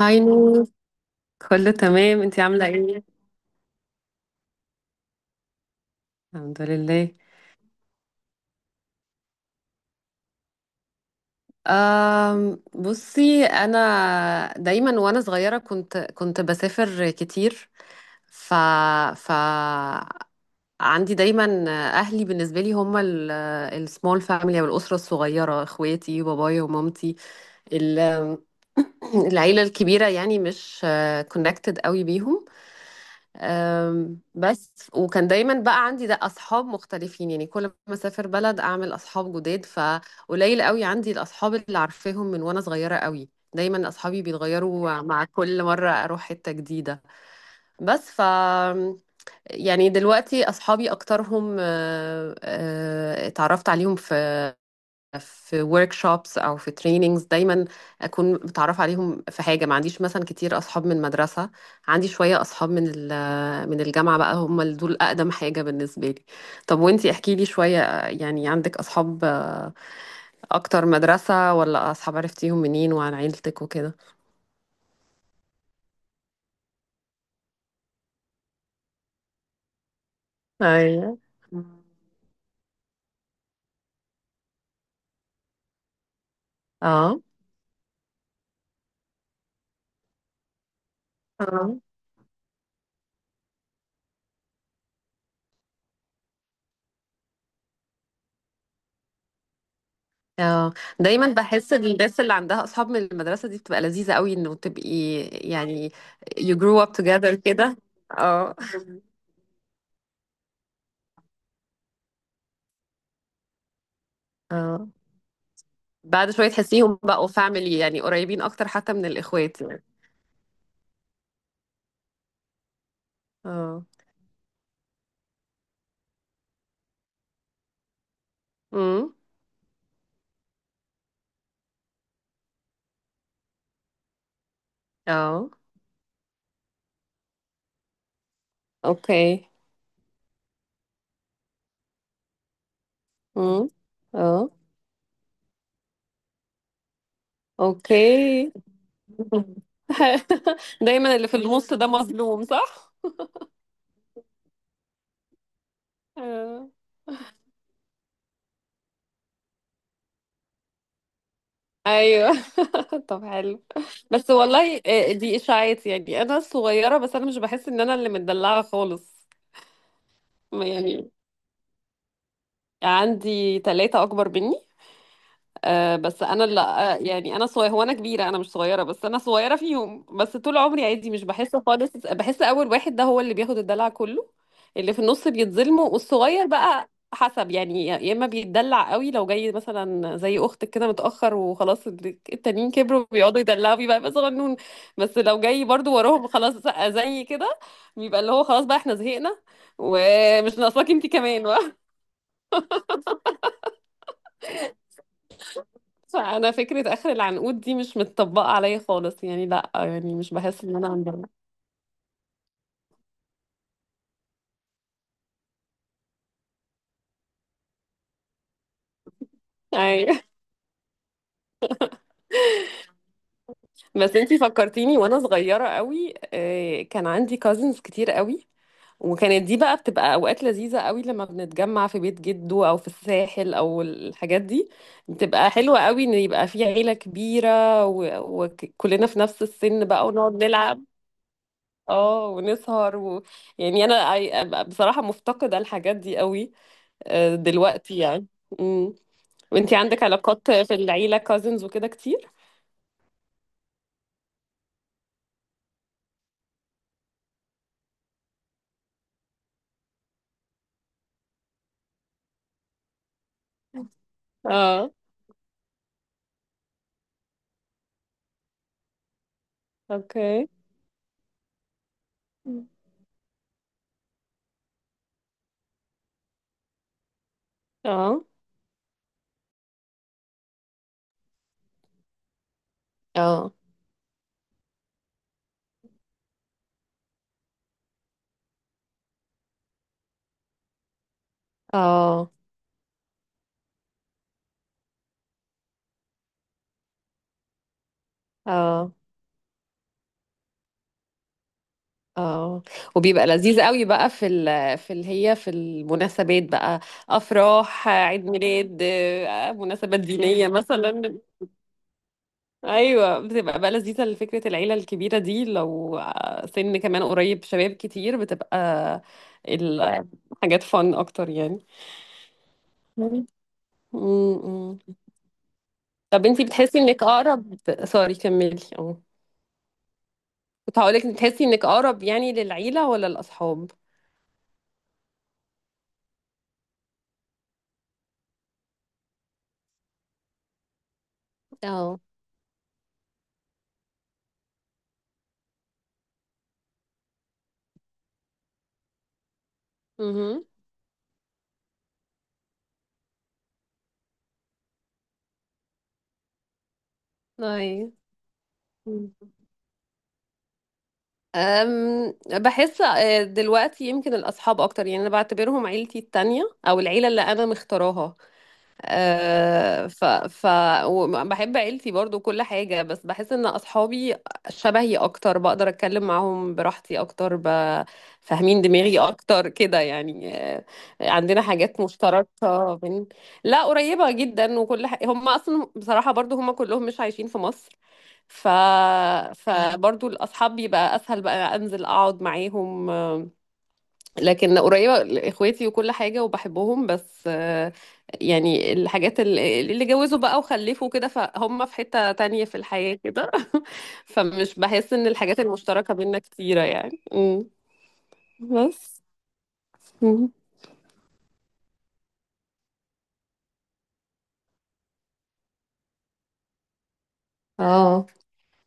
هاي نور، كله تمام، انتي عاملة ايه؟ الحمد لله. بصي، انا دايما وانا صغيرة كنت بسافر كتير. ف ف عندي دايما. اهلي بالنسبة لي هم السمول فاميلي او الأسرة الصغيرة، اخواتي بابايا ومامتي. ال- العيلة الكبيرة يعني مش كونكتد قوي بيهم. بس وكان دايما بقى عندي ده اصحاب مختلفين، يعني كل ما اسافر بلد اعمل اصحاب جداد، فقليل قوي عندي الاصحاب اللي عارفاهم من وانا صغيره قوي. دايما اصحابي بيتغيروا مع كل مره اروح حته جديده. بس يعني دلوقتي اصحابي اكترهم اتعرفت عليهم في في workshops او في trainings. دايما اكون متعرفه عليهم في حاجه، ما عنديش مثلا كتير اصحاب من المدرسه. عندي شويه اصحاب من من الجامعه بقى، هم اللي دول اقدم حاجه بالنسبه لي. طب وانتي احكي لي شويه، يعني عندك اصحاب اكتر مدرسه ولا اصحاب عرفتيهم منين؟ وعن عيلتك وكده. ايوه، اه، اه، اه. دايما بحس ان الناس اللي عندها اصحاب من المدرسه دي بتبقى لذيذه قوي انه تبقي يعني you grew up together كده. اه، اه. بعد شوية تحسيهم بقوا فاميلي، يعني قريبين أكتر حتى من الإخوات يعني. اه. امم. اه. اوكي. امم. اه. اوكي. دايما اللي في النص ده مظلوم، صح؟ آه. ايوه. طب حلو. بس والله دي اشاعات، يعني انا صغيره بس انا مش بحس ان انا اللي متدلعه خالص. يعني عندي ثلاثه اكبر مني. بس انا اللي يعني انا صغيره، هو انا كبيره، انا مش صغيره، بس انا صغيره فيهم. بس طول عمري عادي، مش بحس خالص، بحس اول واحد ده هو اللي بياخد الدلع كله. اللي في النص بيتظلموا، والصغير بقى حسب يعني، يا اما بيتدلع قوي لو جاي مثلا زي اختك كده متاخر وخلاص التانيين كبروا بيقعدوا يدلعوا، بيبقى يبقى صغنون. بس لو جاي برضو وراهم خلاص زي كده، بيبقى اللي هو خلاص بقى احنا زهقنا ومش ناقصاكي انت كمان. فانا فكره اخر العنقود دي مش متطبقه عليا خالص يعني، لا يعني مش بحس ان انا عندي. اي. بس انتي فكرتيني، وانا صغيره قوي كان عندي كازنز كتير قوي. وكانت دي بقى بتبقى اوقات لذيذه قوي لما بنتجمع في بيت جده او في الساحل او الحاجات دي. بتبقى حلوه قوي ان يبقى في عيله كبيره و- وكلنا في نفس السن بقى ونقعد نلعب. اه، ونسهر يعني انا، بصراحه مفتقده الحاجات دي قوي دلوقتي يعني. وانتي عندك علاقات في العيلة، كازنز وكده كتير؟ اه. اوكي. اه. اه. اه. اه. اه. وبيبقى لذيذ قوي بقى في ال في ال هي في المناسبات بقى، افراح، عيد ميلاد، مناسبات دينية مثلا. ايوه، بتبقى بقى لذيذة. لفكرة العيلة الكبيرة دي لو سن كمان قريب، شباب كتير، بتبقى الحاجات فن اكتر يعني. مم. طب انتي بتحسي انك اقرب، سوري كملي. اه. كنت هقولك بتحسي انك اقرب يعني للعيلة ولا الاصحاب؟ اه. امم. اي. بحس دلوقتي يمكن الاصحاب اكتر، يعني انا بعتبرهم عيلتي التانية او العيلة اللي انا مختاراها. آه، ف ف بحب عيلتي برضو كل حاجة، بس بحس ان اصحابي شبهي اكتر، بقدر اتكلم معاهم براحتي اكتر فاهمين دماغي اكتر كده يعني. عندنا حاجات مشتركة بين. لا، قريبة جدا، وكل هم اصلا بصراحة برضو هم كلهم مش عايشين في مصر. ف فبرضو الاصحاب بيبقى اسهل بقى انزل اقعد معاهم، لكن قريبة لإخواتي وكل حاجة وبحبهم. بس يعني الحاجات اللي جوزوا بقى وخلفوا كده، فهم في حتة تانية في الحياة كده. فمش بحس إن الحاجات المشتركة بينا كتيرة يعني. بس أمم. اه،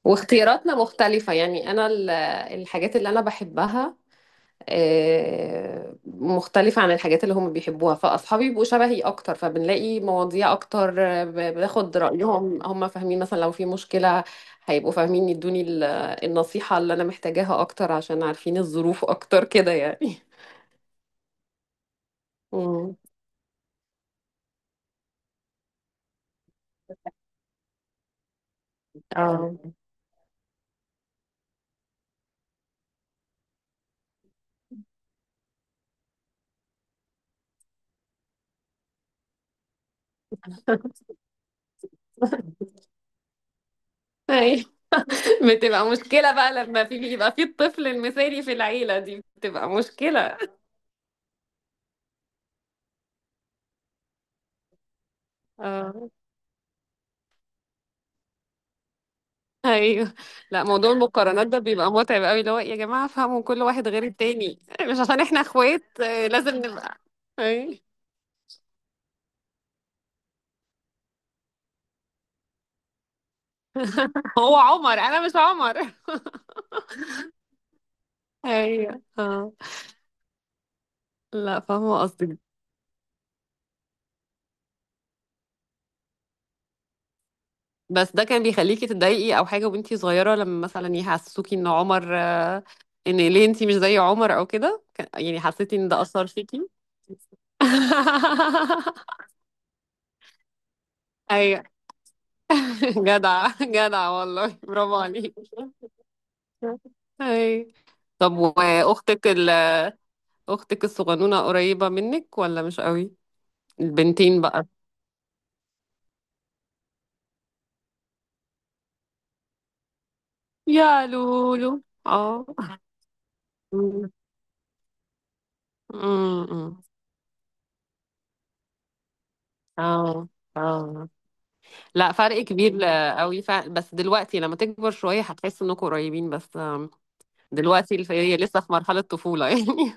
واختياراتنا مختلفة، يعني أنا الحاجات اللي أنا بحبها مختلفة عن الحاجات اللي هم بيحبوها. فأصحابي بيبقوا شبهي أكتر، فبنلاقي مواضيع أكتر، باخد رأيهم، هم فاهمين مثلا لو في مشكلة هيبقوا فاهمين يدوني النصيحة اللي أنا محتاجاها أكتر، عشان عارفين الظروف أكتر كده يعني. مم. اه. أي. بتبقى مشكلة بقى لما بيبقى في الطفل المثالي في العيلة، دي بتبقى مشكلة. اه. ايوه. لا، موضوع المقارنات ده بيبقى متعب قوي، اللي هو يا جماعه فهموا كل واحد غير التاني، مش عشان احنا اخوات لازم نبقى. اي. هو عمر، انا مش عمر. ايوه. اه. لا، فاهمه قصدك. بس ده كان بيخليكي تتضايقي او حاجه وانتي صغيره لما مثلا يحسسوكي ان عمر، ان ليه انتي مش زي عمر او كده، يعني حسيتي ان ده اثر فيكي؟ ايوه. جدع جدع والله، برافو عليكي. اي. طب واختك اختك الصغنونه قريبه منك ولا مش قوي؟ البنتين بقى. يا لولو. اه. أمم، أمم. اه، اه، لا فرق كبير قوي. بس دلوقتي لما تكبر شويه هتحس انكم قريبين. بس دلوقتي هي لسه في مرحله طفوله يعني.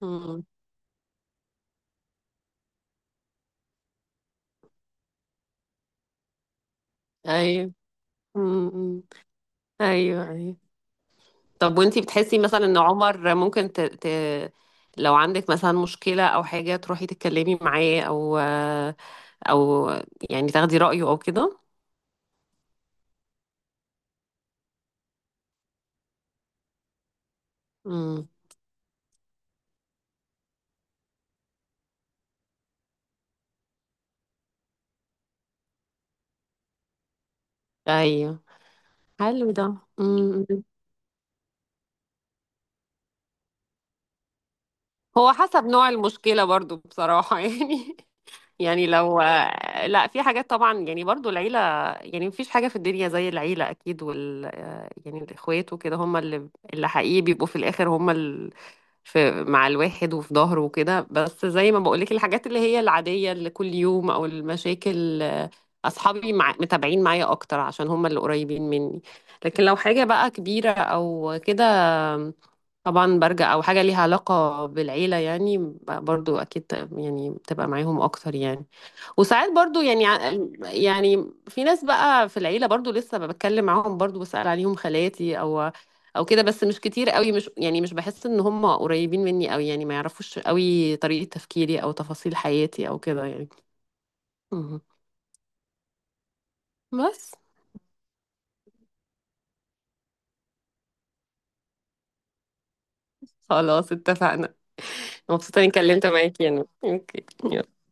أمم. ايوه. أمم، أمم. ايوه، ايوه. طب وانتي بتحسي مثلا ان عمر ممكن لو عندك مثلا مشكلة او حاجة تروحي تتكلمي معاه، او يعني تاخدي رأيه او كده؟ امم. ايوه. حلو ده. امم. هو حسب نوع المشكلة برضو بصراحة، يعني. يعني لو، لا، في حاجات طبعا يعني برضو العيلة، يعني مفيش حاجة في الدنيا زي العيلة أكيد، يعني الإخوات وكده هم اللي حقيقي بيبقوا في الآخر، هم في مع الواحد وفي ظهره وكده. بس زي ما بقولك الحاجات اللي هي العادية اللي كل يوم أو المشاكل، أصحابي مع متابعين معايا أكتر عشان هم اللي قريبين مني. لكن لو حاجة بقى كبيرة أو كده، آم، طبعا برجع، أو حاجة ليها علاقة بالعيلة يعني، برضو أكيد، يعني بتبقى معاهم أكتر يعني. وساعات برضو يعني يعني في ناس بقى في العيلة برضو لسه بتكلم معاهم، برضو بسأل عليهم خالاتي او كده، بس مش كتير قوي. مش يعني، مش بحس ان هم قريبين مني قوي يعني، ما يعرفوش قوي طريقة تفكيري او تفاصيل حياتي او كده يعني. مهم. بس خلاص اتفقنا. مبسوطة اني اتكلمت معاكي انا، اوكي يلا.